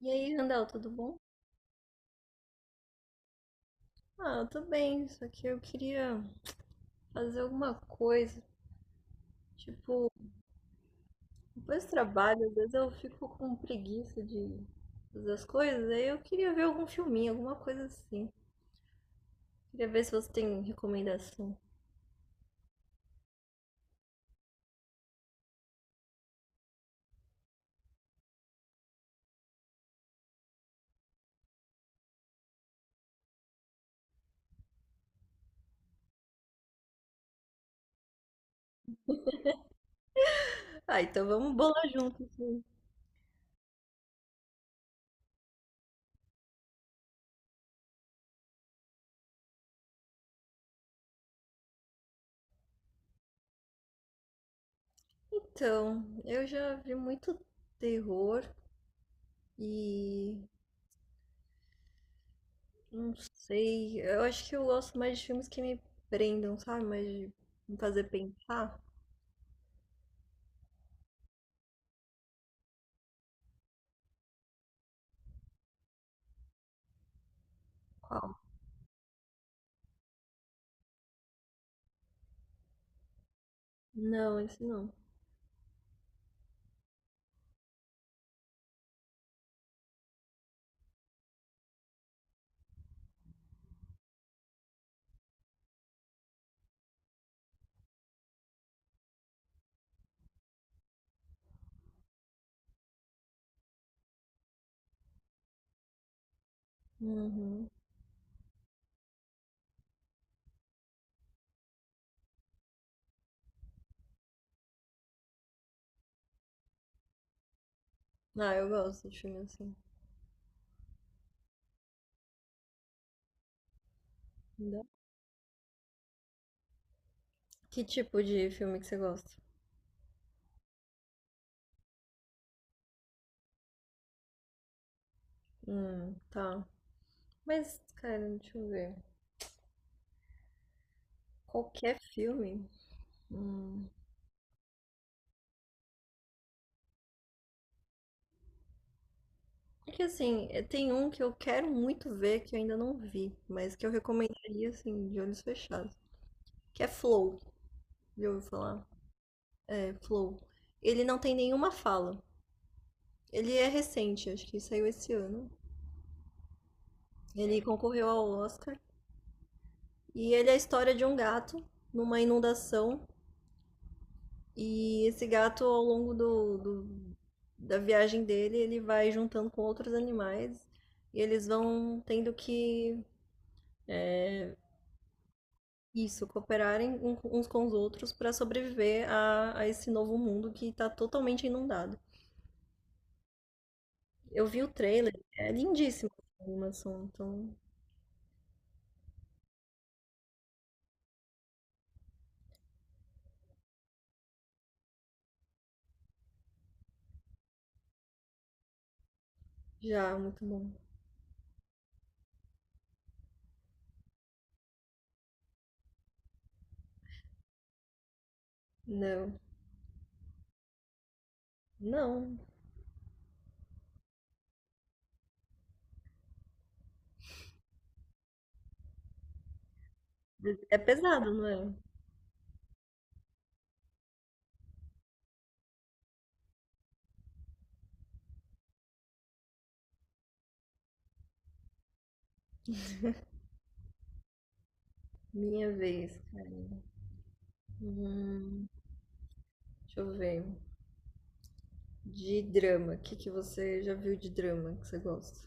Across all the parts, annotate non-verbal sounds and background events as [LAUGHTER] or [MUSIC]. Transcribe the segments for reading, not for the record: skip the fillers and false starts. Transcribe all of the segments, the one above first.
E aí, Randall, tudo bom? Ah, eu tô bem, só que eu queria fazer alguma coisa. Tipo, depois do trabalho, às vezes eu fico com preguiça de fazer as coisas, aí eu queria ver algum filminho, alguma coisa assim. Queria ver se você tem recomendação. Ah, então vamos bolar junto, sim. Então, eu já vi muito terror e não sei, eu acho que eu gosto mais de filmes que me prendam, sabe? Mais de me fazer pensar. Qual? Não, esse não. Uhum. Ah, eu gosto de filme assim. Ainda- Que tipo de filme que você gosta? Tá. Mas, cara, deixa eu ver. Qualquer filme? Hum. É que assim, tem um que eu quero muito ver que eu ainda não vi, mas que eu recomendaria, assim, de olhos fechados. Que é Flow. Já ouviu falar? É Flow. Ele não tem nenhuma fala. Ele é recente, acho que saiu esse ano. Ele concorreu ao Oscar. E ele é a história de um gato numa inundação. E esse gato, ao longo da viagem dele, ele vai juntando com outros animais e eles vão tendo que, isso, cooperarem uns com os outros para sobreviver a esse novo mundo que está totalmente inundado. Eu vi o trailer, é lindíssimo a animação, então já, muito bom. Não, não, é pesado, não é? Minha vez, cara. Hum, deixa eu ver. De drama, o que que você já viu de drama que você gosta?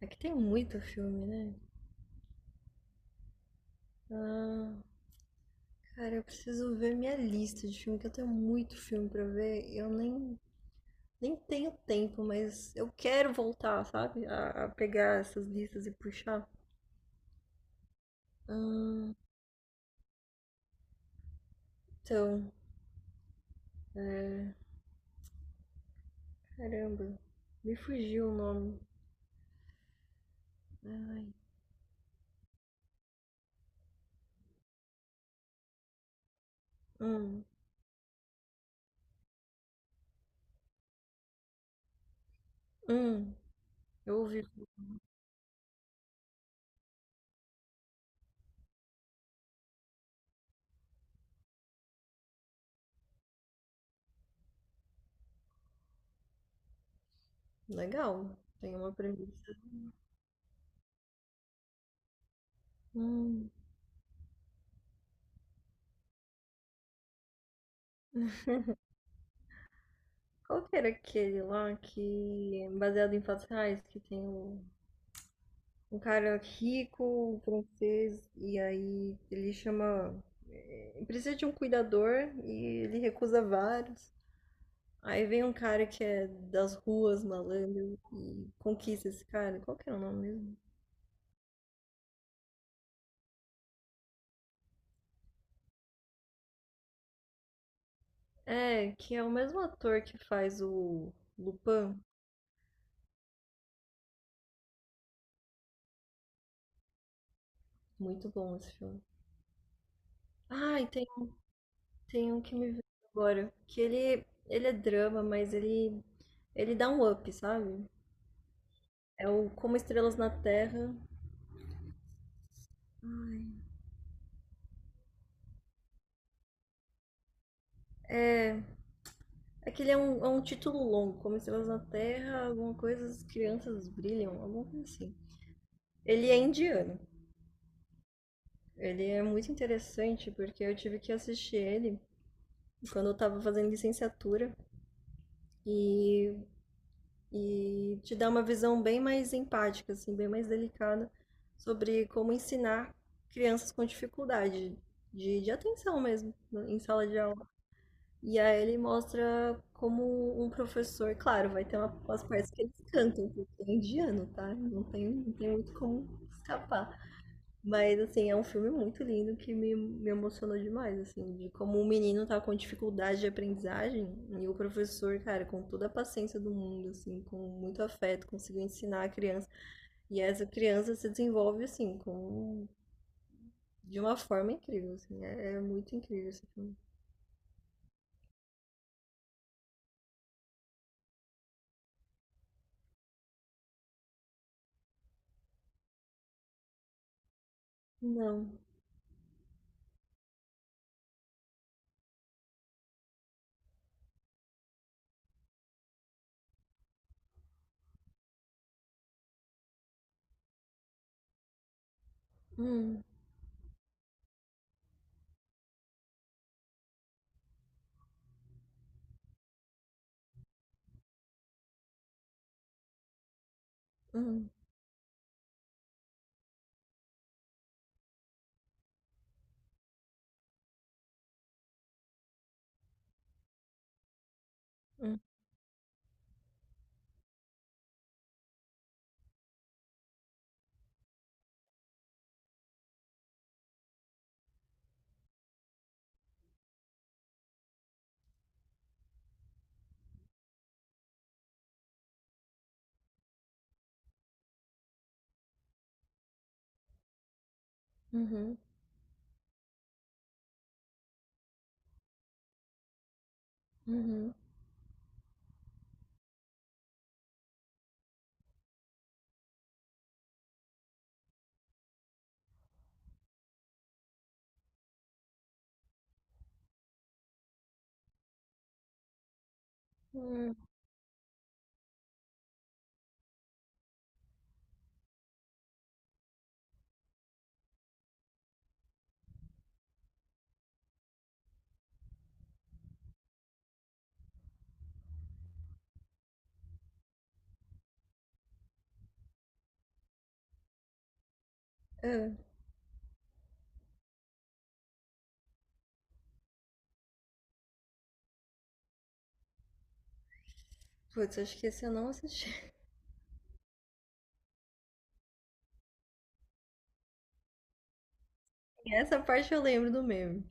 É que tem muito filme, né? Ah, cara, eu preciso ver minha lista de filme, que eu tenho muito filme pra ver. E eu nem tenho tempo, mas eu quero voltar, sabe? A pegar essas listas e puxar. Ah, então, é, caramba, me fugiu o nome. Ai, hum, hum, eu ouvi. Legal, tem uma premissa. Hum, qual que era aquele lá que é baseado em fatos reais que tem o um cara rico, um francês, e aí ele chama. Precisa de um cuidador e ele recusa vários. Aí vem um cara que é das ruas, malandro, e conquista esse cara. Qual que é o nome mesmo? É, que é o mesmo ator que faz o Lupin. Muito bom esse filme. Ah, e tem um que me veio agora, que ele é drama, mas ele dá um up, sabe? É o Como Estrelas na Terra. É, aquele é um, título longo, como Estrelas na Terra, alguma coisa, as crianças brilham, alguma coisa assim. Ele é indiano. Ele é muito interessante porque eu tive que assistir ele quando eu tava fazendo licenciatura e, e te dá uma visão bem mais empática, assim, bem mais delicada sobre como ensinar crianças com dificuldade de atenção mesmo em sala de aula. E aí ele mostra como um professor, claro, vai ter umas partes que eles cantam, porque é indiano, tá? Não tem muito como escapar. Mas, assim, é um filme muito lindo que me emocionou demais, assim, de como o menino tá com dificuldade de aprendizagem e o professor, cara, com toda a paciência do mundo, assim, com muito afeto, conseguiu ensinar a criança. E essa criança se desenvolve, assim, com, de uma forma incrível, assim, é muito incrível esse filme. Não. Hum, hum, hum, uhum. Uhum. Hum. É. Putz, acho que esse eu não assisti. [LAUGHS] Essa parte eu lembro do meme.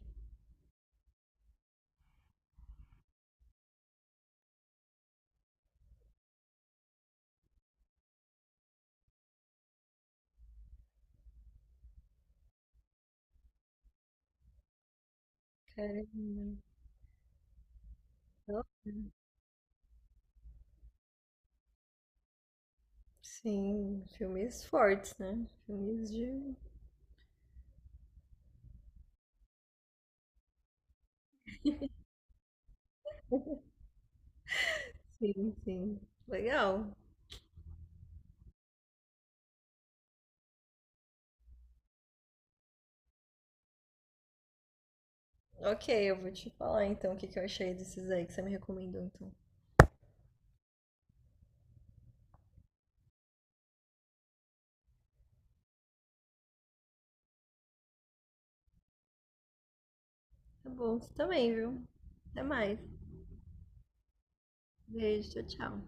Caramba. Nossa. Sim, filmes fortes, né? Filmes de. [LAUGHS] Sim, sim. Legal. Ok, eu vou te falar então o que que eu achei desses aí que você me recomendou, então. Tá bom, você também, viu? Até mais. Beijo, tchau, tchau.